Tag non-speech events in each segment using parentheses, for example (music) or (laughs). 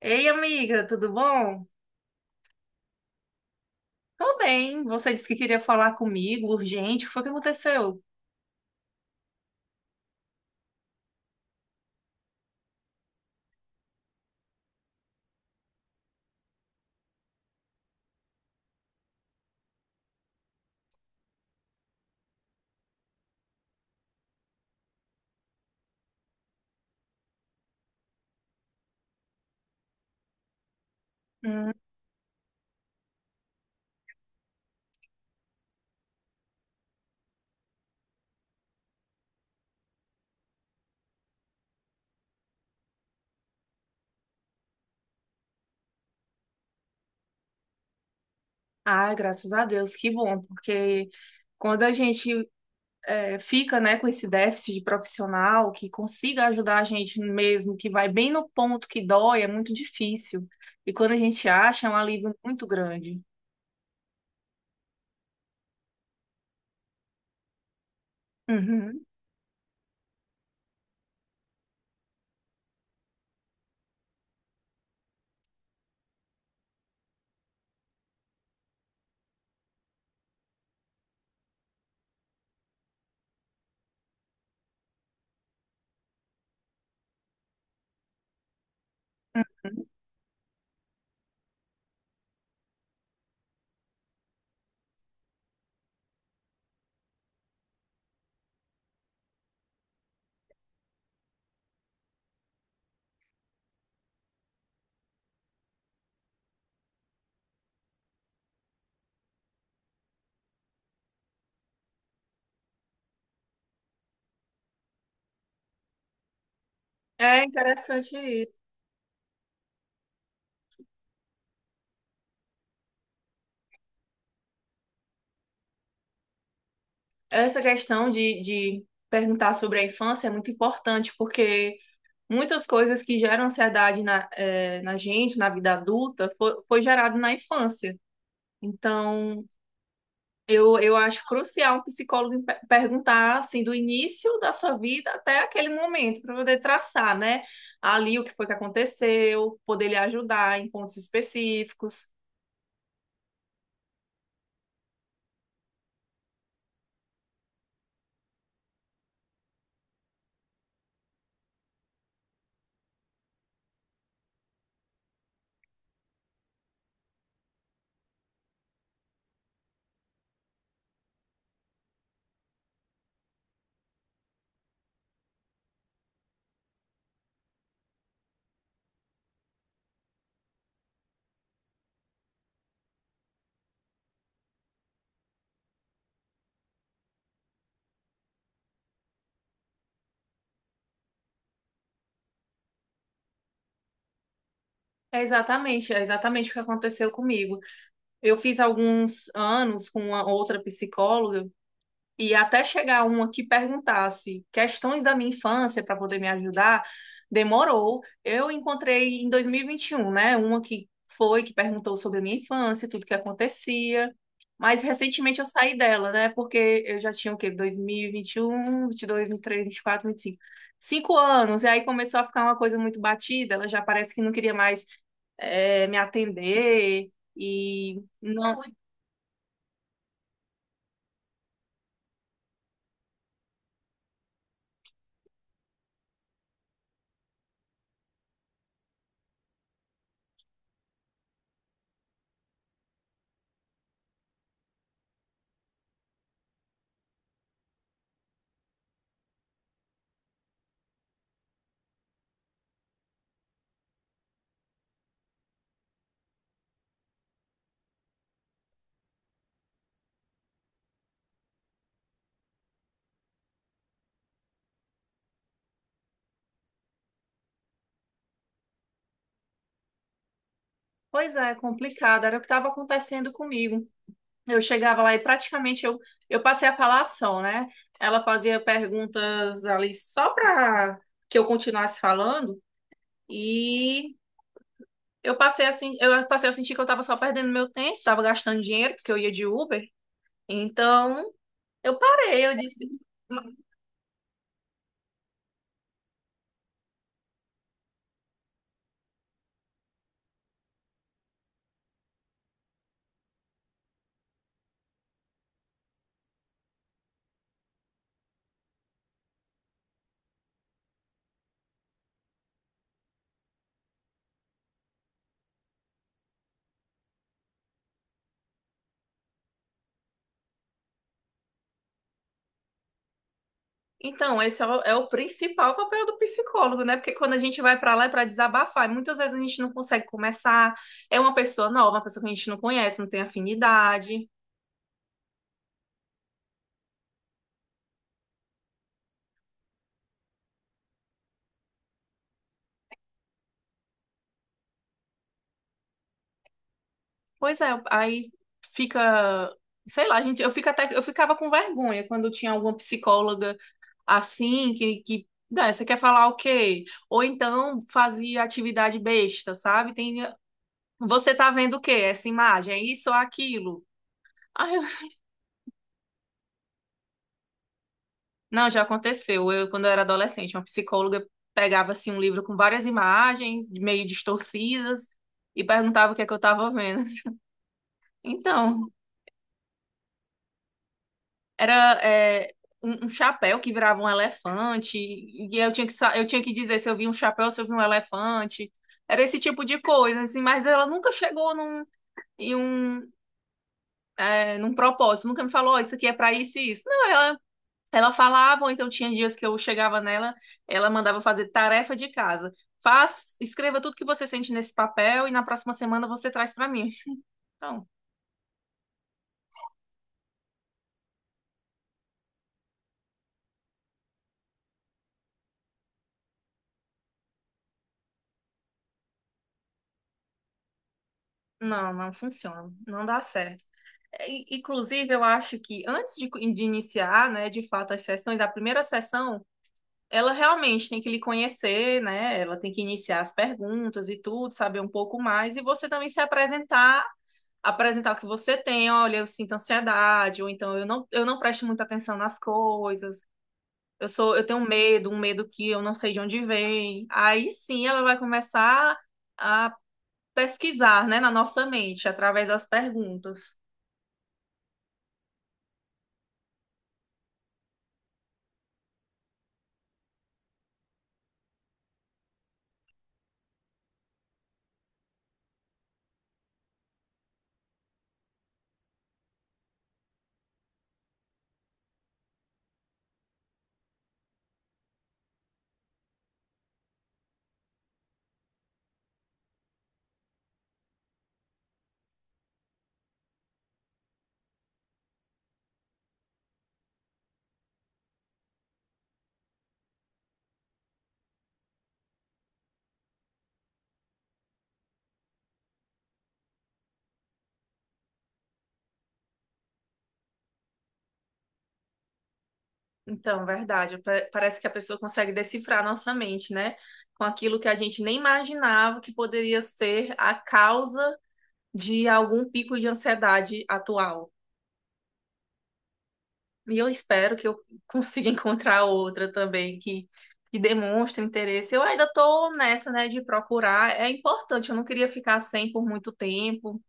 Ei, amiga, tudo bom? Tô bem. Você disse que queria falar comigo, urgente. O que foi que aconteceu? Hum. Ah, graças a Deus, que bom, porque quando a gente fica, né, com esse déficit de profissional que consiga ajudar a gente mesmo, que vai bem no ponto que dói, é muito difícil. E quando a gente acha, é um alívio muito grande. Uhum. É interessante isso. Essa questão de perguntar sobre a infância é muito importante, porque muitas coisas que geram ansiedade na, na gente, na vida adulta, foi gerado na infância. Então, eu acho crucial um psicólogo perguntar, assim, do início da sua vida até aquele momento, para poder traçar, né, ali o que foi que aconteceu, poder lhe ajudar em pontos específicos. É exatamente o que aconteceu comigo. Eu fiz alguns anos com uma outra psicóloga. E até chegar uma que perguntasse questões da minha infância para poder me ajudar, demorou. Eu encontrei em 2021, né? Uma que foi, que perguntou sobre a minha infância, tudo que acontecia. Mas recentemente eu saí dela, né? Porque eu já tinha o quê? 2021, 22, 23, 24, 25. Cinco anos. E aí começou a ficar uma coisa muito batida. Ela já parece que não queria mais me atender. E não. Pois é, complicado. Era o que estava acontecendo comigo. Eu chegava lá e praticamente eu passei a falar ação, né? Ela fazia perguntas ali só para que eu continuasse falando, e eu passei eu passei a sentir que eu estava só perdendo meu tempo, estava gastando dinheiro porque eu ia de Uber. Então, eu parei, eu disse, então, esse é é o principal papel do psicólogo, né? Porque quando a gente vai para lá é para desabafar, e muitas vezes a gente não consegue começar. É uma pessoa nova, uma pessoa que a gente não conhece, não tem afinidade. Pois é, aí fica, sei lá, gente, eu fico até, eu ficava com vergonha quando tinha alguma psicóloga assim que "Ah, você quer falar o quê?" Ou então fazia atividade besta, sabe? Tem, você tá vendo o quê? Essa imagem, é isso ou aquilo? Aí eu- (laughs) não, já aconteceu. Eu, quando eu era adolescente, uma psicóloga pegava assim um livro com várias imagens meio distorcidas e perguntava o que é que eu tava vendo. (laughs) Então, era é, um chapéu que virava um elefante, e eu tinha eu tinha que dizer se eu vi um chapéu, se eu vi um elefante. Era esse tipo de coisa, assim, mas ela nunca chegou num, em um, é, num propósito, nunca me falou, "Ó, isso aqui é pra isso e isso." Não, ela falava, ou então tinha dias que eu chegava nela, ela mandava fazer tarefa de casa. Faz, escreva tudo que você sente nesse papel e na próxima semana você traz pra mim. Então, não, não funciona, não dá certo. Inclusive, eu acho que antes de iniciar, né, de fato, as sessões, a primeira sessão, ela realmente tem que lhe conhecer, né? Ela tem que iniciar as perguntas e tudo, saber um pouco mais, e você também se apresentar, apresentar o que você tem, olha, eu sinto ansiedade, ou então eu não presto muita atenção nas coisas, eu tenho medo, um medo que eu não sei de onde vem. Aí sim ela vai começar a pesquisar, né, na nossa mente, através das perguntas. Então, verdade. Parece que a pessoa consegue decifrar nossa mente, né? Com aquilo que a gente nem imaginava que poderia ser a causa de algum pico de ansiedade atual. E eu espero que eu consiga (laughs) encontrar outra também que demonstre interesse. Eu ainda tô nessa, né, de procurar. É importante, eu não queria ficar sem por muito tempo.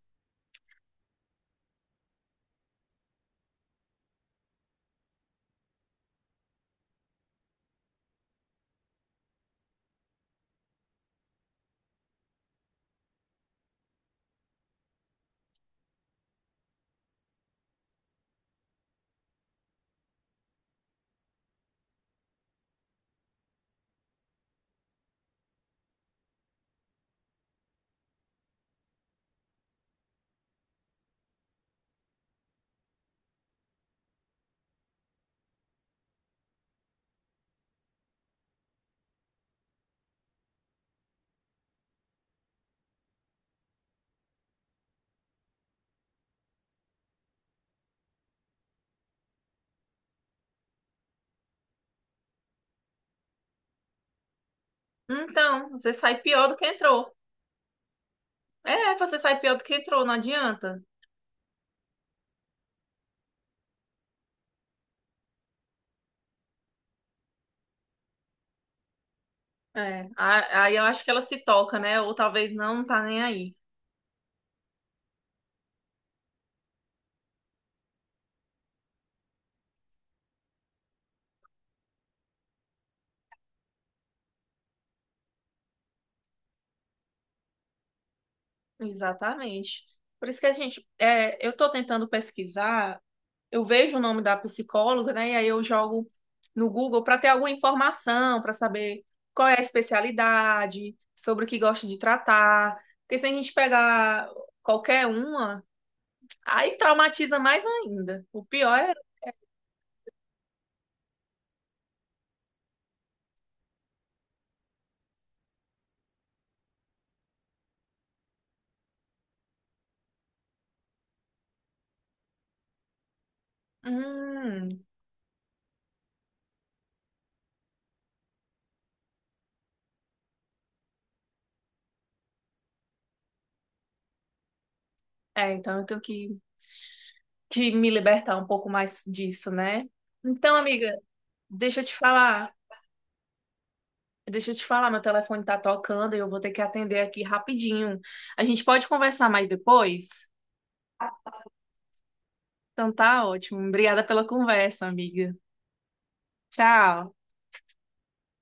Então, você sai pior do que entrou. É, você sai pior do que entrou, não adianta. É, aí eu acho que ela se toca, né? Ou talvez não, não tá nem aí. Exatamente. Por isso que a gente, é, eu tô tentando pesquisar, eu vejo o nome da psicóloga, né? E aí eu jogo no Google para ter alguma informação, para saber qual é a especialidade, sobre o que gosta de tratar. Porque se a gente pegar qualquer uma, aí traumatiza mais ainda. O pior é, hum, é, então eu tenho que me libertar um pouco mais disso, né? Então, amiga, deixa eu te falar, deixa eu te falar, meu telefone tá tocando e eu vou ter que atender aqui rapidinho. A gente pode conversar mais depois? Então tá ótimo. Obrigada pela conversa, amiga. Tchau.